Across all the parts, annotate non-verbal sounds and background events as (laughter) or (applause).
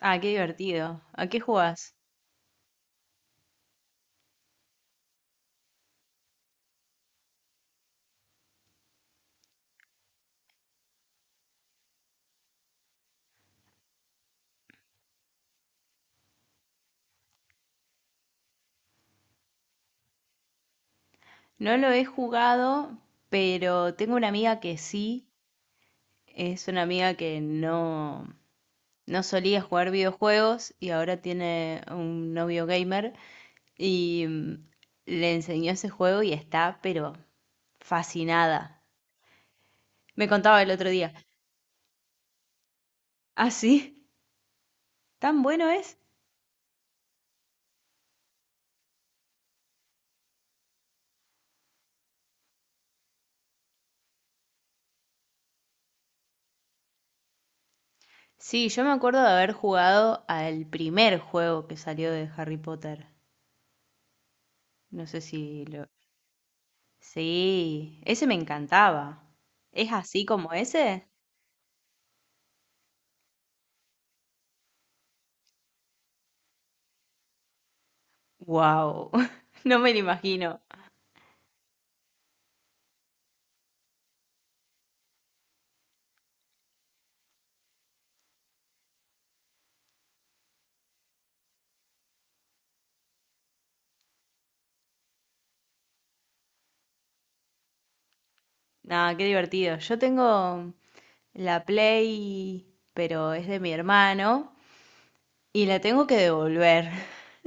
Ah, qué divertido. ¿A qué jugás? No lo he jugado, pero tengo una amiga que sí. Es una amiga que no, no solía jugar videojuegos y ahora tiene un novio gamer. Y le enseñó ese juego y está, pero fascinada. Me contaba el otro día. ¿Ah, sí? ¿Tan bueno es? Sí, yo me acuerdo de haber jugado al primer juego que salió de Harry Potter. No sé si lo. Sí, ese me encantaba. ¿Es así como ese? Wow, (laughs) no me lo imagino. Nada, qué divertido. Yo tengo la Play, pero es de mi hermano y la tengo que devolver. (laughs)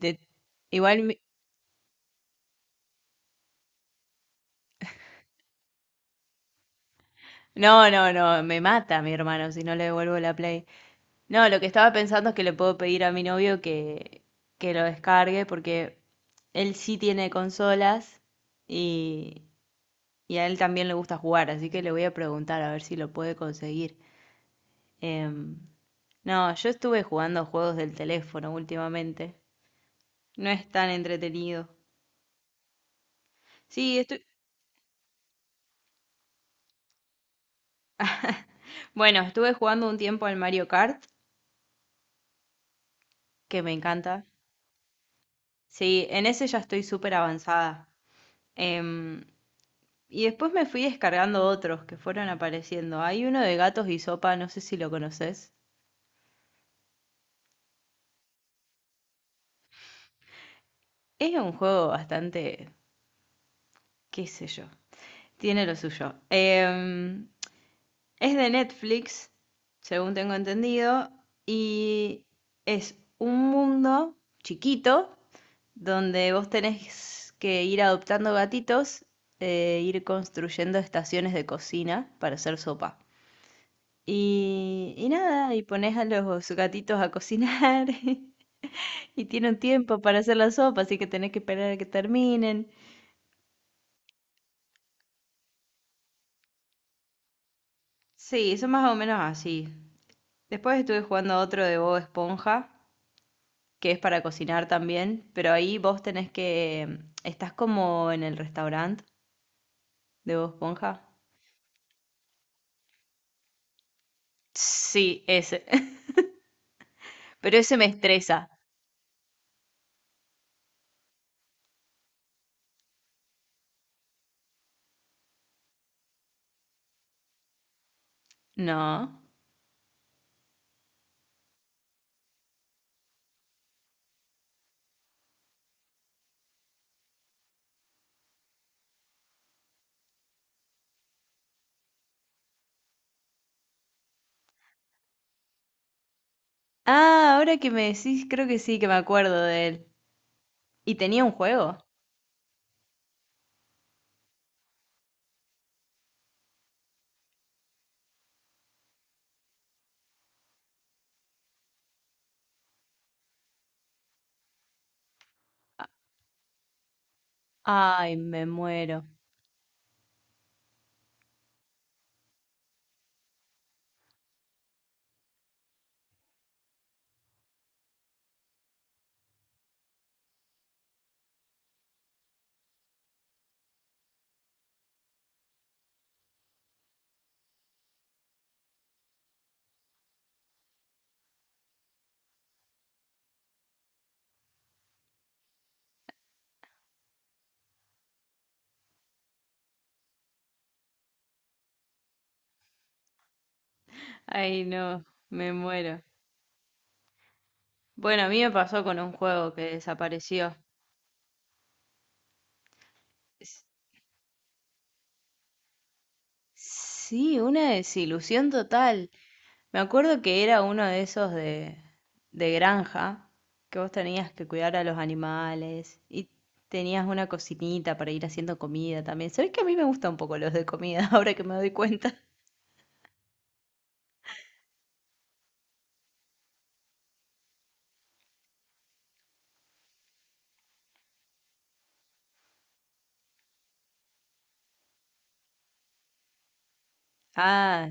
De- Igual, mi- no, no, no, me mata mi hermano si no le devuelvo la Play. No, lo que estaba pensando es que le puedo pedir a mi novio que lo descargue porque él sí tiene consolas y Y a él también le gusta jugar, así que le voy a preguntar a ver si lo puede conseguir. Em, no, yo estuve jugando juegos del teléfono últimamente. No es tan entretenido. Sí, bueno, estuve jugando un tiempo al Mario Kart, que me encanta. Sí, en ese ya estoy súper avanzada. Em, y después me fui descargando otros que fueron apareciendo. Hay uno de gatos y sopa, no sé si lo conoces. Es un juego bastante, qué sé yo, tiene lo suyo. Es de Netflix, según tengo entendido, y es un mundo chiquito donde vos tenés que ir adoptando gatitos e ir construyendo estaciones de cocina para hacer sopa. Y nada, y pones a los gatitos a cocinar (laughs) y tienen tiempo para hacer la sopa, así que tenés que esperar a que terminen. Sí, son más o menos así. Después estuve jugando a otro de Bob Esponja, que es para cocinar también, pero ahí vos tenés que. ¿Estás como en el restaurante de Bob Esponja? Sí, ese. (laughs) Pero ese me estresa. No. Ah, ahora que me decís, creo que sí, que me acuerdo de él. ¿Y tenía un juego? Ay, me muero. Ay, no, me muero. Bueno, a mí me pasó con un juego que desapareció. S- Sí, una desilusión total. Me acuerdo que era uno de esos de granja, que vos tenías que cuidar a los animales y tenías una cocinita para ir haciendo comida también. ¿Sabés que a mí me gustan un poco los de comida (laughs) ahora que me doy cuenta? Ah,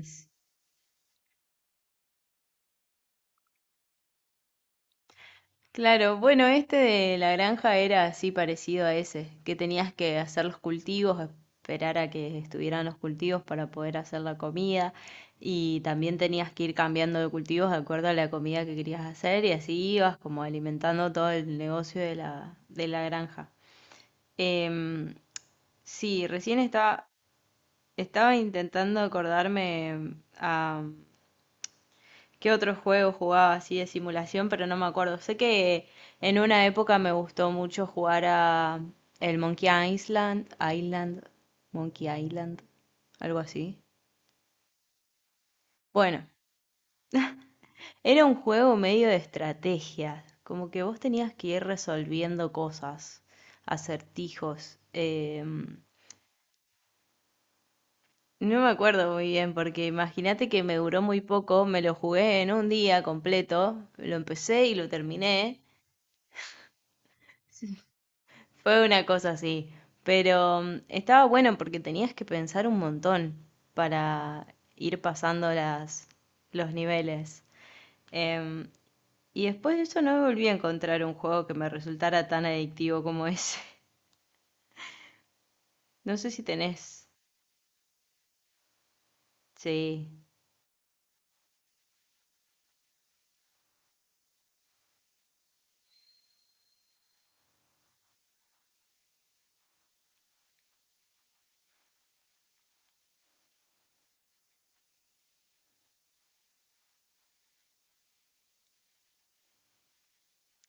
claro, bueno, este de la granja era así parecido a ese, que tenías que hacer los cultivos, esperar a que estuvieran los cultivos para poder hacer la comida y también tenías que ir cambiando de cultivos de acuerdo a la comida que querías hacer y así ibas como alimentando todo el negocio de la, granja. Em, sí, recién estaba intentando acordarme a. ¿Qué otro juego jugaba así de simulación? Pero no me acuerdo. Sé que en una época me gustó mucho jugar a el Monkey Island, Island, Island, algo así. Bueno, era un juego medio de estrategia, como que vos tenías que ir resolviendo cosas, acertijos. No me acuerdo muy bien, porque imagínate que me duró muy poco, me lo jugué en un día completo, lo empecé y lo terminé. Fue una cosa así, pero estaba bueno porque tenías que pensar un montón para ir pasando los niveles. Em, y después de eso no volví a encontrar un juego que me resultara tan adictivo como ese. (laughs) No sé si tenés. Sí,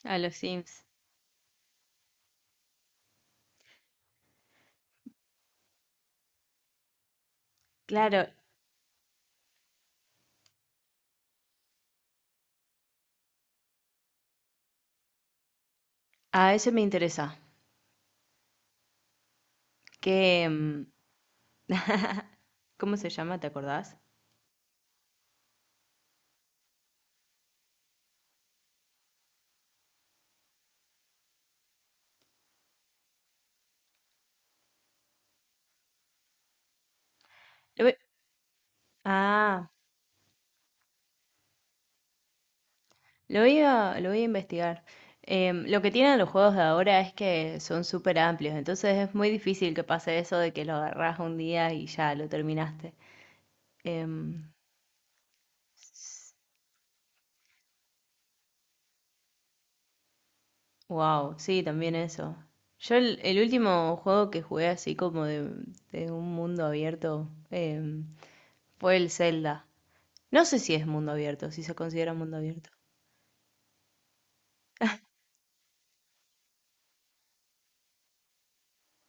a los Sims. Claro, a ese me interesa. ¿Qué, cómo se llama? ¿Te acordás? Lo ve- Ah, lo voy a investigar. Lo que tienen los juegos de ahora es que son súper amplios, entonces es muy difícil que pase eso de que lo agarrás un día y ya lo terminaste. Wow, sí, también eso. Yo el último juego que jugué así como de un mundo abierto fue el Zelda. No sé si es mundo abierto, si se considera mundo abierto.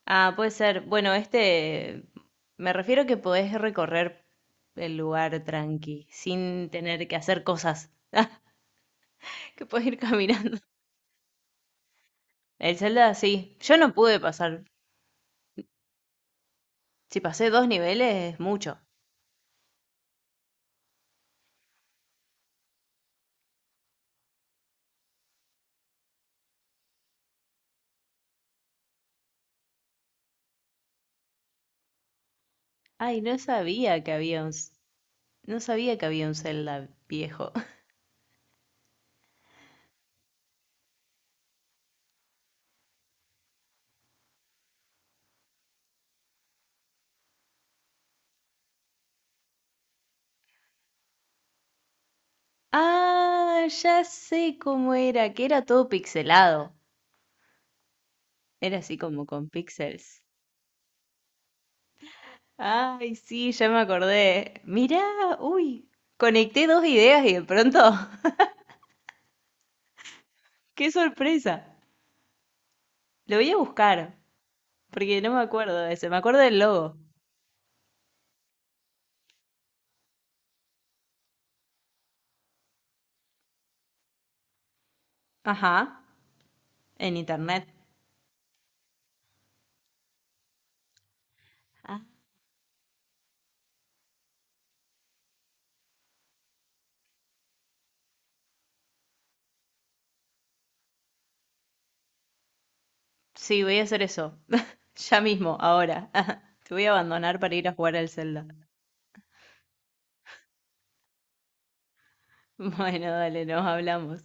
Ah, puede ser. Bueno, me refiero que podés recorrer el lugar tranqui, sin tener que hacer cosas, (laughs) que podés ir caminando. El Zelda, sí. Yo no pude pasar. Si pasé dos niveles, es mucho. Ay, no sabía que había un, s- no sabía que había un Zelda viejo. (laughs) Ah, ya sé cómo era, que era todo pixelado. Era así como con píxeles. Ay, sí, ya me acordé. Mirá, uy, conecté dos ideas y de pronto, (laughs) qué sorpresa. Lo voy a buscar, porque no me acuerdo de ese, me acuerdo del logo. Ajá, en internet. Ah, sí, voy a hacer eso. (laughs) Ya mismo, ahora. (laughs) Te voy a abandonar para ir a jugar al Zelda. (laughs) Bueno, dale, nos hablamos.